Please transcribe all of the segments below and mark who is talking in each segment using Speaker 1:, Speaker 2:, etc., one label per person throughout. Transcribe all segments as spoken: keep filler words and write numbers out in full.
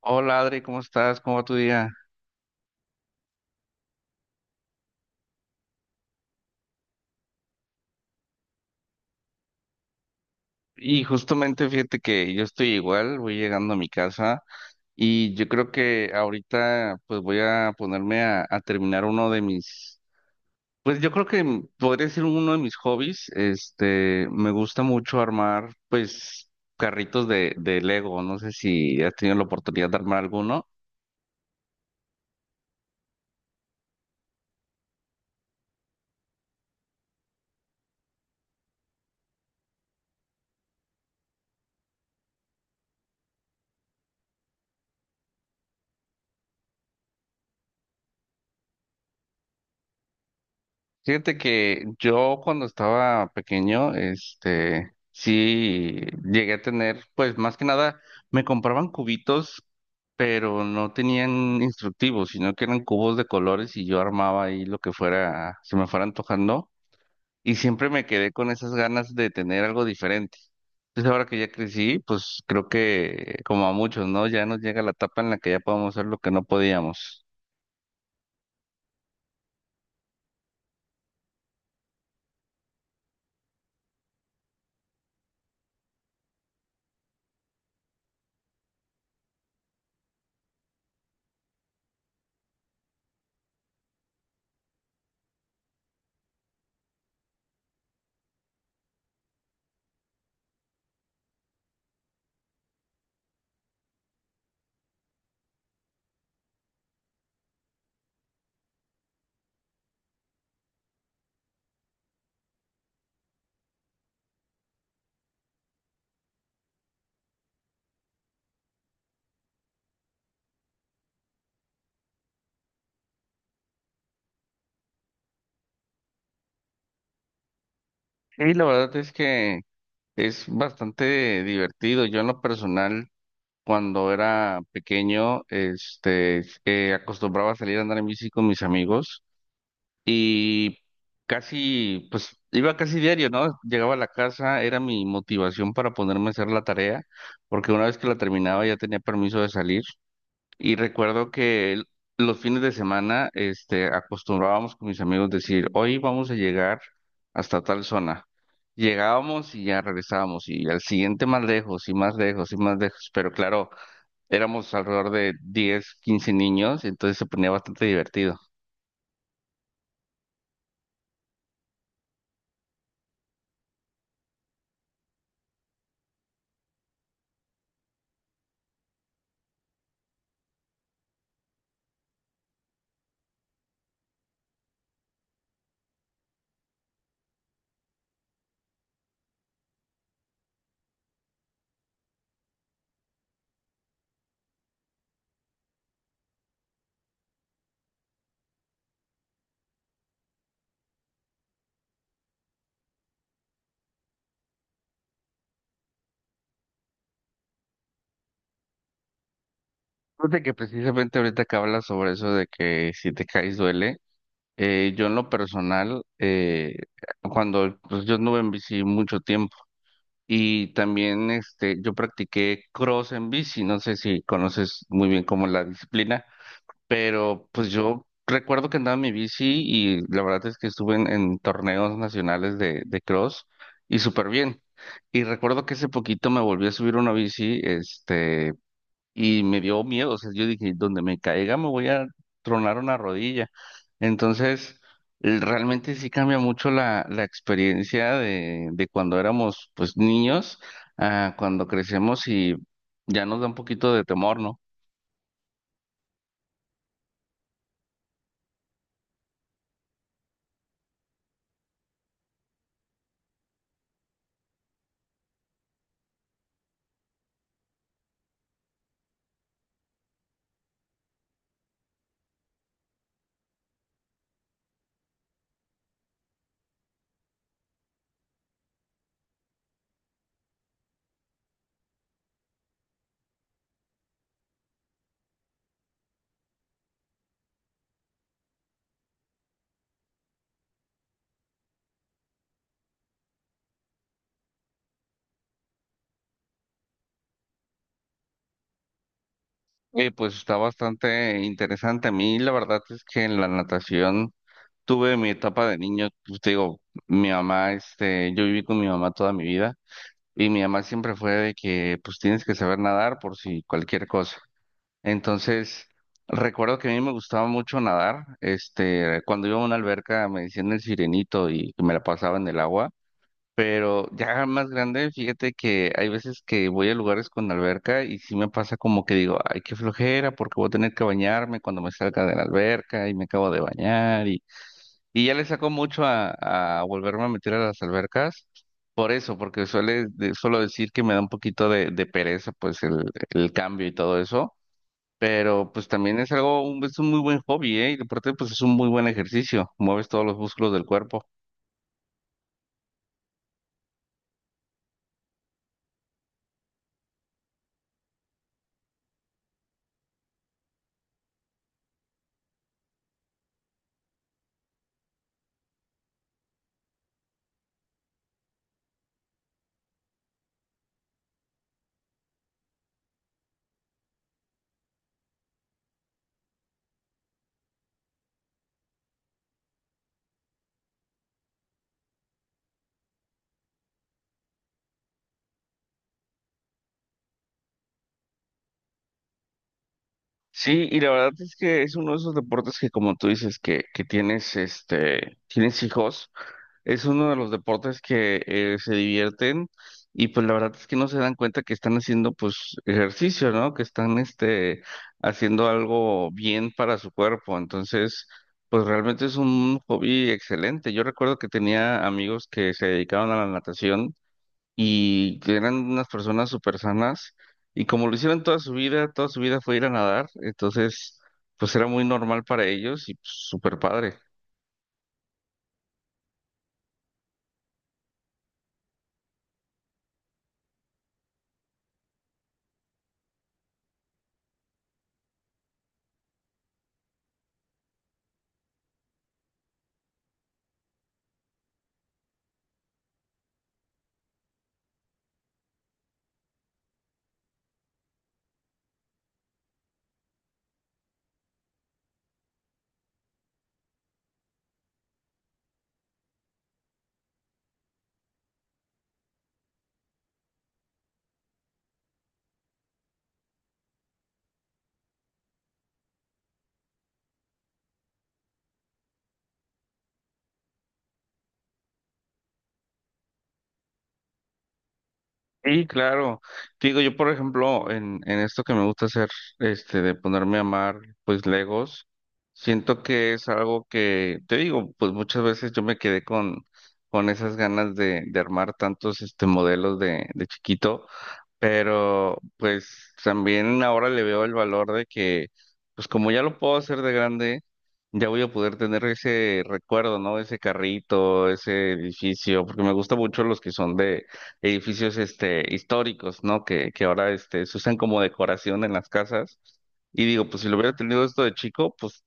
Speaker 1: Hola Adri, ¿cómo estás? ¿Cómo va tu día? Y justamente fíjate que yo estoy igual, voy llegando a mi casa y yo creo que ahorita pues voy a ponerme a, a terminar uno de mis, pues yo creo que m- podría ser uno de mis hobbies, este, me gusta mucho armar pues carritos de, de Lego, no sé si has tenido la oportunidad de armar alguno. Fíjate que yo cuando estaba pequeño, este, sí llegué a tener, pues más que nada, me compraban cubitos, pero no tenían instructivos, sino que eran cubos de colores y yo armaba ahí lo que fuera, se me fuera antojando, y siempre me quedé con esas ganas de tener algo diferente. Entonces ahora que ya crecí, pues creo que como a muchos, ¿no? Ya nos llega la etapa en la que ya podemos hacer lo que no podíamos. Y la verdad es que es bastante divertido. Yo en lo personal, cuando era pequeño, este, eh, acostumbraba a salir a andar en bici con mis amigos y casi, pues iba casi diario, ¿no? Llegaba a la casa, era mi motivación para ponerme a hacer la tarea, porque una vez que la terminaba ya tenía permiso de salir. Y recuerdo que el- los fines de semana, este, acostumbrábamos con mis amigos decir, hoy vamos a llegar hasta tal zona. Llegábamos y ya regresábamos, y al siguiente más lejos, y más lejos, y más lejos. Pero claro, éramos alrededor de diez quince niños, y entonces se ponía bastante divertido. Fíjate que precisamente ahorita que hablas sobre eso de que si te caes duele, eh, yo en lo personal, eh, cuando pues, yo anduve en bici mucho tiempo, y también este, yo practiqué cross en bici, no sé si conoces muy bien como la disciplina, pero pues yo recuerdo que andaba en mi bici y la verdad es que estuve en, en torneos nacionales de, de cross y súper bien. Y recuerdo que hace poquito me volví a subir una bici, este, y me dio miedo, o sea, yo dije, donde me caiga me voy a tronar una rodilla. Entonces, el- realmente sí cambia mucho la, la experiencia de, de cuando éramos pues niños a cuando crecemos y ya nos da un poquito de temor, ¿no? Eh, pues está bastante interesante. A mí la verdad es que en la natación tuve mi etapa de niño, pues, te digo, mi mamá, este, yo viví con mi mamá toda mi vida. Y mi mamá siempre fue de que, pues tienes que saber nadar por si cualquier cosa. Entonces, recuerdo que a mí me gustaba mucho nadar. Este, cuando iba a una alberca me decían el sirenito y me la pasaba en el agua. Pero ya más grande, fíjate que hay veces que voy a lugares con alberca y sí me pasa como que digo, ay, qué flojera, porque voy a tener que bañarme cuando me salga de la alberca y me acabo de bañar. Y y ya le saco mucho a, a volverme a meter a las albercas. Por eso, porque suele, de- suelo decir que me da un poquito de, de pereza, pues el, el cambio y todo eso. Pero pues también es algo, un- es un muy buen hobby, ¿eh? Y aparte pues es un muy buen ejercicio, mueves todos los músculos del cuerpo. Sí, y la verdad es que es uno de esos deportes que como tú dices que, que tienes, este, tienes hijos, es uno de los deportes que eh, se divierten y pues la verdad es que no se dan cuenta que están haciendo pues ejercicio, ¿no? Que están, este, haciendo algo bien para su cuerpo. Entonces, pues realmente es un hobby excelente. Yo recuerdo que tenía amigos que se dedicaban a la natación y que eran unas personas súper sanas y como lo hicieron toda su vida, toda su vida fue ir a nadar, entonces pues era muy normal para ellos y pues, súper padre. Sí, claro. Te digo, yo por ejemplo, en, en esto que me gusta hacer, este, de ponerme a amar, pues Legos, siento que es algo que, te digo, pues muchas veces yo me quedé con, con esas ganas de, de armar tantos, este, modelos de, de chiquito. Pero pues también ahora le veo el valor de que, pues como ya lo puedo hacer de grande, ya voy a poder tener ese recuerdo, ¿no? Ese carrito, ese edificio, porque me gusta mucho los que son de edificios este históricos, ¿no? Que, que ahora este se usan como decoración en las casas. Y digo, pues si lo hubiera tenido esto de chico, pues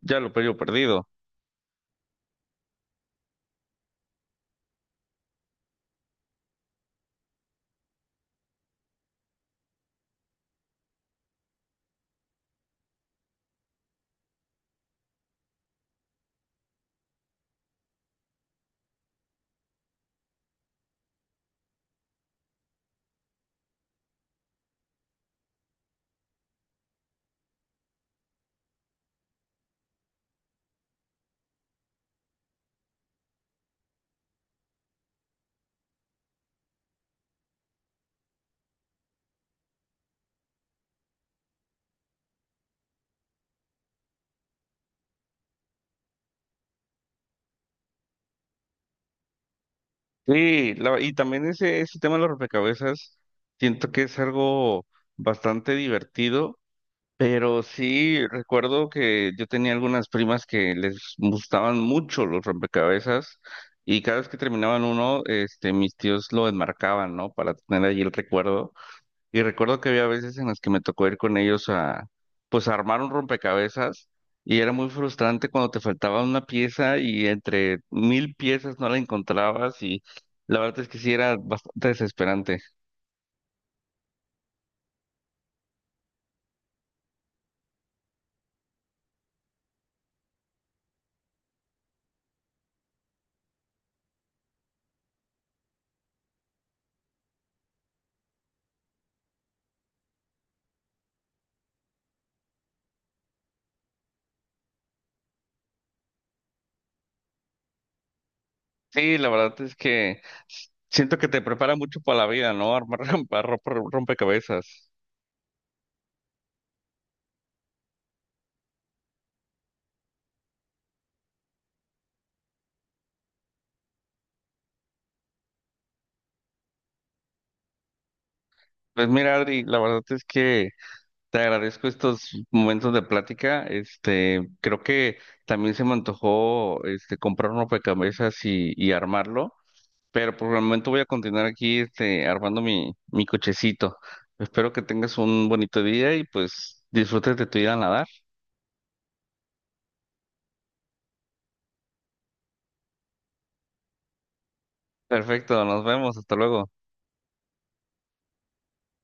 Speaker 1: ya lo hubiera perdido. Sí, la- y también ese, ese tema de los rompecabezas, siento que es algo bastante divertido. Pero sí, recuerdo que yo tenía algunas primas que les gustaban mucho los rompecabezas y cada vez que terminaban uno, este, mis tíos lo enmarcaban, ¿no? Para tener allí el recuerdo. Y recuerdo que había veces en las que me tocó ir con ellos a, pues, a armar un rompecabezas y era muy frustrante cuando te faltaba una pieza y entre mil piezas no la encontrabas y la verdad es que sí era bastante desesperante. Sí, la verdad es que siento que te prepara mucho para la vida, ¿no? Armar rompa- rompa- rompecabezas. Pues mira, Adri, la verdad es que te agradezco estos momentos de plática. Este, creo que también se me antojó este comprar un rompecabezas y, y armarlo, pero por el momento voy a continuar aquí este armando mi, mi cochecito. Espero que tengas un bonito día y pues disfrutes de tu vida a nadar. Perfecto, nos vemos, hasta luego.